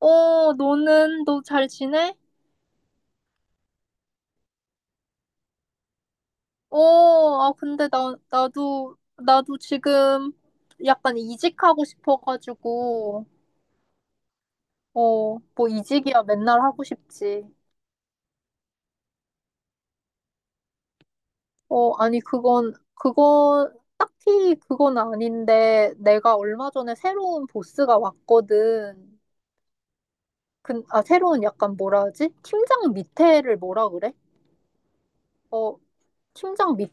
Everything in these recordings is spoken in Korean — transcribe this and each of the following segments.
어, 너 잘 지내? 어, 아, 근데 나도 지금 약간 이직하고 싶어가지고, 어, 뭐 이직이야 맨날 하고 싶지. 어, 아니, 딱히 그건 아닌데, 내가 얼마 전에 새로운 보스가 왔거든. 아, 새로운 약간 뭐라 하지? 팀장 밑에를 뭐라 그래? 어, 팀장 밑,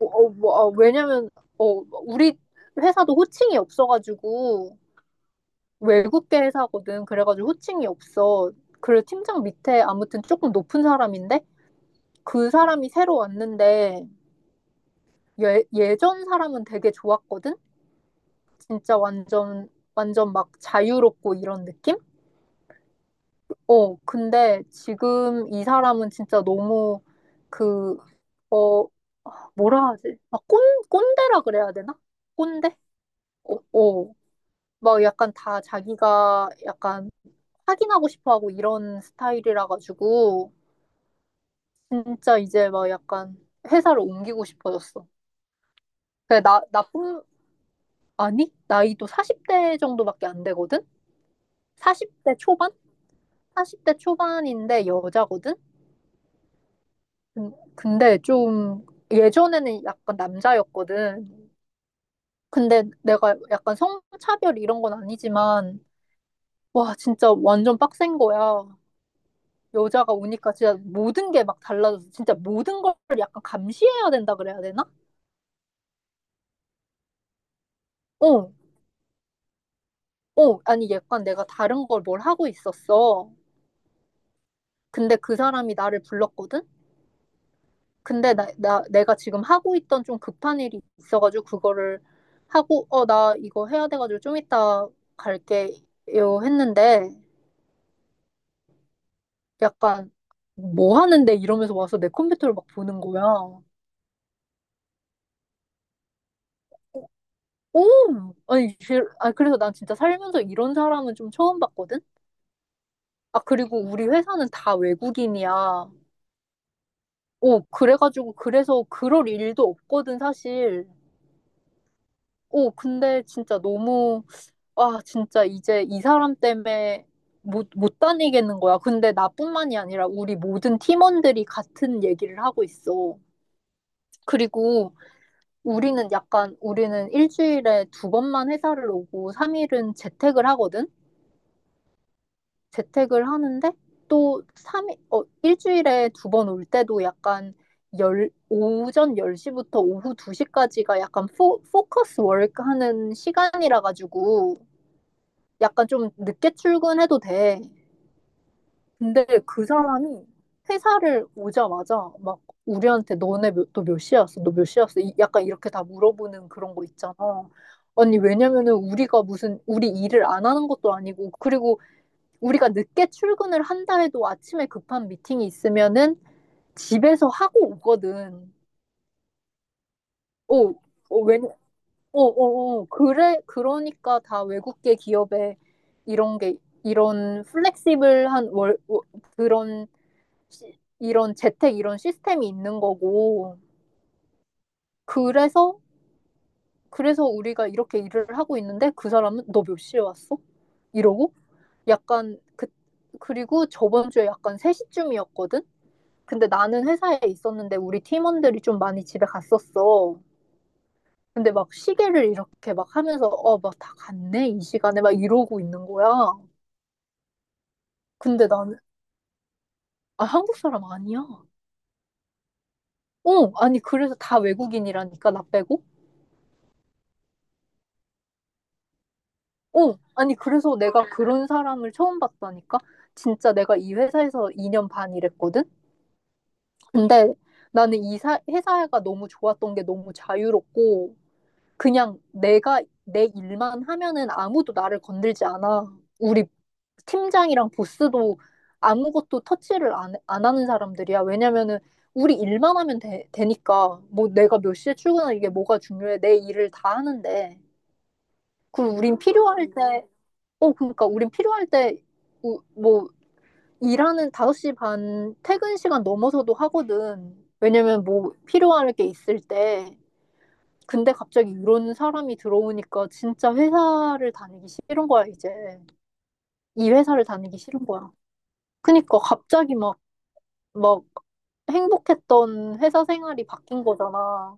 어, 어, 뭐, 어, 왜냐면, 어, 우리 회사도 호칭이 없어가지고, 외국계 회사거든. 그래가지고 호칭이 없어. 그래 팀장 밑에 아무튼 조금 높은 사람인데 그 사람이 새로 왔는데 예, 예전 사람은 되게 좋았거든. 진짜 완전 완전 막 자유롭고 이런 느낌? 근데 지금 이 사람은 진짜 너무 그, 어, 뭐라 하지? 막 꼰대라 그래야 되나? 꼰대? 어, 어. 막 약간 다 자기가 약간 확인하고 싶어 하고 이런 스타일이라 가지고 진짜 이제 막 약간 회사를 옮기고 싶어졌어. 그래, 아니, 나이도 40대 정도밖에 안 되거든? 40대 초반? 40대 초반인데 여자거든? 근데 좀 예전에는 약간 남자였거든. 근데 내가 약간 성차별 이런 건 아니지만, 와, 진짜 완전 빡센 거야. 여자가 오니까 진짜 모든 게 막 달라져서 진짜 모든 걸 약간 감시해야 된다 그래야 되나? 어, 어, 아니, 약간 내가 다른 걸 뭘 하고 있었어. 근데 그 사람이 나를 불렀거든? 근데 내가 지금 하고 있던 좀 급한 일이 있어가지고 그거를 하고, 나 이거 해야 돼가지고 좀 이따 갈게요 했는데 약간 뭐 하는데 이러면서 와서 내 컴퓨터를 막 보는 거야. 오! 아니, 그래서 난 진짜 살면서 이런 사람은 좀 처음 봤거든? 아, 그리고 우리 회사는 다 외국인이야. 오, 그래서 그럴 일도 없거든, 사실. 오, 근데 진짜 너무, 아, 진짜 이제 이 사람 때문에 못 다니겠는 거야. 근데 나뿐만이 아니라 우리 모든 팀원들이 같은 얘기를 하고 있어. 그리고 우리는 일주일에 두 번만 회사를 오고, 3일은 재택을 하거든? 재택을 하는데 또 3일 일주일에 두 번 올 때도 약간 오전 10시부터 오후 2시까지가 약간 포커스 워크 하는 시간이라 가지고 약간 좀 늦게 출근해도 돼. 근데 그 사람이 회사를 오자마자 막 우리한테 너네 몇, 너몇 시였어? 너 몇 시였어? 약간 이렇게 다 물어보는 그런 거 있잖아. 아니, 왜냐면은 우리 일을 안 하는 것도 아니고, 그리고 우리가 늦게 출근을 한다 해도 아침에 급한 미팅이 있으면은 집에서 하고 오거든. 어, 어, 그래, 그러니까 다 외국계 기업에 이런 게, 이런 플렉시블한 그런, 이런 재택 이런 시스템이 있는 거고. 그래서, 그래서 우리가 이렇게 일을 하고 있는데 그 사람은 너 몇 시에 왔어? 이러고 약간 그리고 저번 주에 약간 3시쯤이었거든? 근데 나는 회사에 있었는데 우리 팀원들이 좀 많이 집에 갔었어. 근데 막 시계를 이렇게 막 하면서 막 다 갔네 이 시간에 막 이러고 있는 거야. 근데 나는 아, 한국 사람 아니야. 어, 아니 그래서 다 외국인이라니까 나 빼고. 어, 아니 그래서 내가 그런 사람을 처음 봤다니까. 진짜 내가 이 회사에서 2년 반 일했거든. 근데 나는 회사가 너무 좋았던 게 너무 자유롭고 그냥 내가 내 일만 하면은 아무도 나를 건들지 않아. 우리 팀장이랑 보스도 아무것도 터치를 안 하는 사람들이야. 왜냐면은 우리 일만 하면 되니까 뭐 내가 몇 시에 출근하 이게 뭐가 중요해. 내 일을 다 하는데. 그리고 우린 필요할 때, 어, 그러니까 우린 필요할 때, 우- 뭐, 일하는 5시 반 퇴근 시간 넘어서도 하거든. 왜냐면 뭐 필요할 게 있을 때. 근데 갑자기 이런 사람이 들어오니까 진짜 회사를 다니기 싫은 거야, 이제. 이 회사를 다니기 싫은 거야. 그니까 갑자기 막 행복했던 회사 생활이 바뀐 거잖아.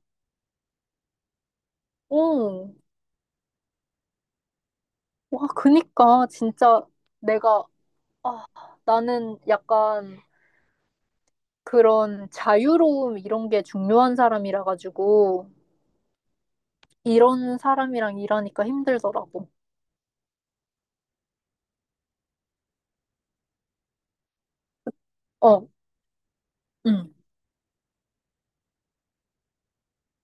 어, 와, 그니까 진짜 내가, 아, 나는 약간 그런 자유로움 이런 게 중요한 사람이라 가지고 이런 사람이랑 일하니까 힘들더라고. 어, 응.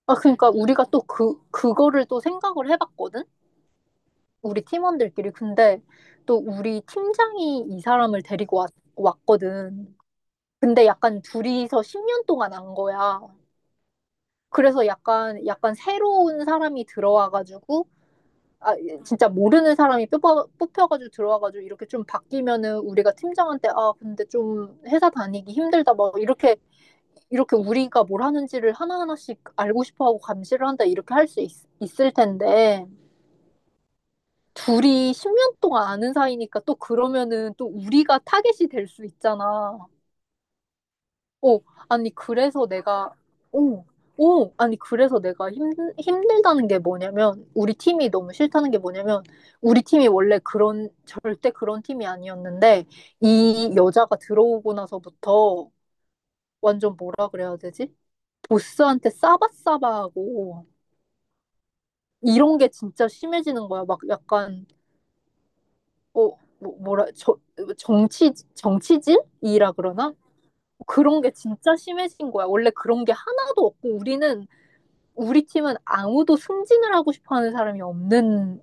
아, 그러니까 우리가 또 그거를 또 생각을 해봤거든? 우리 팀원들끼리. 근데 또 우리 팀장이 이 사람을 데리고 왔거든. 근데 약간 둘이서 10년 동안 안 거야. 그래서 약간 새로운 사람이 들어와가지고, 아, 진짜 모르는 사람이 뽑혀가지고 들어와가지고 이렇게 좀 바뀌면은 우리가 팀장한테, 아, 근데 좀 회사 다니기 힘들다. 막 이렇게 우리가 뭘 하는지를 하나하나씩 알고 싶어 하고 감시를 한다. 이렇게 할 수 있을 텐데. 둘이 10년 동안 아는 사이니까 또 그러면은 또 우리가 타겟이 될 수 있잖아. 어, 아니, 그래서 내가, 어, 어, 아니, 그래서 내가 힘들다는 게 뭐냐면, 우리 팀이 너무 싫다는 게 뭐냐면, 우리 팀이 원래 그런, 절대 그런 팀이 아니었는데, 이 여자가 들어오고 나서부터 완전 뭐라 그래야 되지? 보스한테 싸바싸바하고, 이런 게 진짜 심해지는 거야. 막 약간, 어, 뭐, 뭐라, 저, 정치질이라 그러나? 그런 게 진짜 심해진 거야. 원래 그런 게 하나도 없고, 우리 팀은 아무도 승진을 하고 싶어 하는 사람이 없는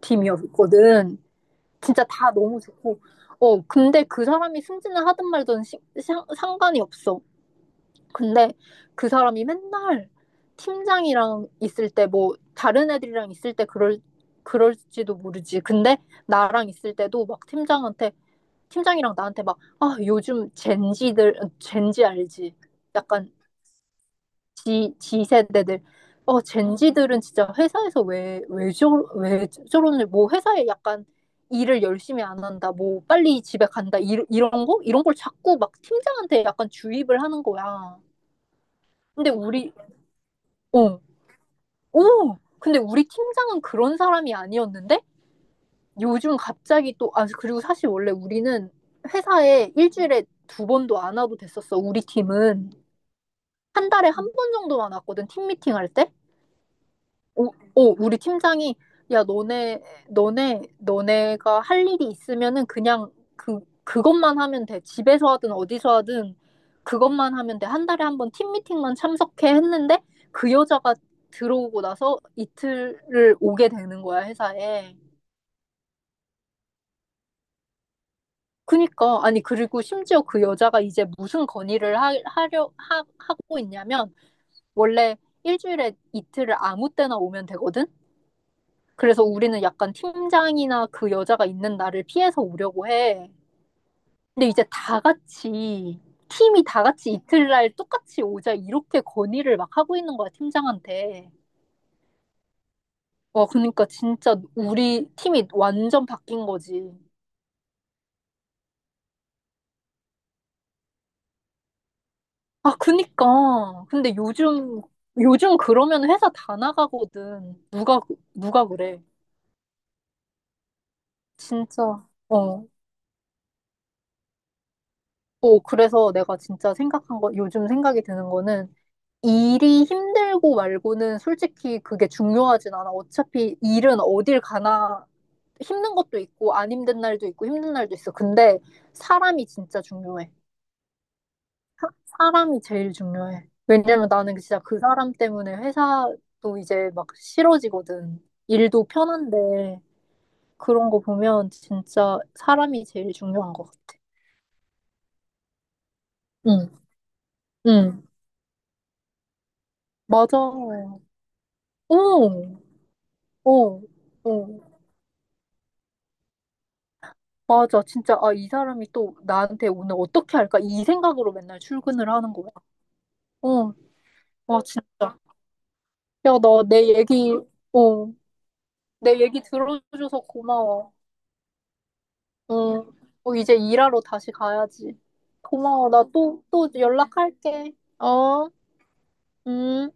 팀이었거든. 진짜 다 너무 좋고. 어, 근데 그 사람이 승진을 하든 말든 상관이 없어. 근데 그 사람이 맨날 팀장이랑 있을 때, 뭐, 다른 애들이랑 있을 때 그럴지도 모르지. 근데 나랑 있을 때도 막 팀장한테 팀장이랑 나한테 막, 아, 요즘 젠지들, 젠지 알지? 약간 지세대들. 어, 젠지들은 진짜 회사에서 왜 저러는지, 뭐 회사에 약간 일을 열심히 안 한다, 뭐 빨리 집에 간다, 이런 거? 이런 걸 자꾸 막 팀장한테 약간 주입을 하는 거야. 근데 우리, 어, 오! 근데 우리 팀장은 그런 사람이 아니었는데, 요즘 갑자기 또, 아, 그리고 사실 원래 우리는 회사에 일주일에 두 번도 안 와도 됐었어, 우리 팀은. 한 달에 한 번 정도만 왔거든, 팀 미팅할 때. 오, 오, 우리 팀장이, 야, 너네가 할 일이 있으면은 그냥 그것만 하면 돼. 집에서 하든 어디서 하든 그것만 하면 돼. 한 달에 한 번 팀 미팅만 참석해 했는데 그 여자가 들어오고 나서 이틀을 오게 되는 거야, 회사에. 그니까, 아니, 그리고 심지어 그 여자가 이제 무슨 건의를 하고 있냐면, 원래 일주일에 이틀을 아무 때나 오면 되거든? 그래서 우리는 약간 팀장이나 그 여자가 있는 날을 피해서 오려고 해. 근데 이제 팀이 다 같이 이틀날 똑같이 오자, 이렇게 건의를 막 하고 있는 거야, 팀장한테. 와, 그니까 진짜 우리 팀이 완전 바뀐 거지. 아, 그니까. 근데 요즘 그러면 회사 다 나가거든. 누가 그래. 진짜. 어. 어, 그래서 내가 진짜 생각한 거, 요즘 생각이 드는 거는 일이 힘들고 말고는 솔직히 그게 중요하진 않아. 어차피 일은 어딜 가나 힘든 것도 있고 안 힘든 날도 있고 힘든 날도 있어. 근데 사람이 진짜 중요해. 사람이 제일 중요해. 왜냐면 나는 진짜 그 사람 때문에 회사도 이제 막 싫어지거든. 일도 편한데 그런 거 보면 진짜 사람이 제일 중요한 것 같아. 응, 응, 맞아. 어, 어, 어, 맞아. 진짜, 아, 이 사람이 또 나한테 오늘 어떻게 할까? 이 생각으로 맨날 출근을 하는 거야. 어, 와, 진짜. 야, 너 내 얘기, 어, 내 얘기 들어줘서 고마워. 응. 어, 이제 일하러 다시 가야지. 고마워. 나 또 연락할게. 어, 음.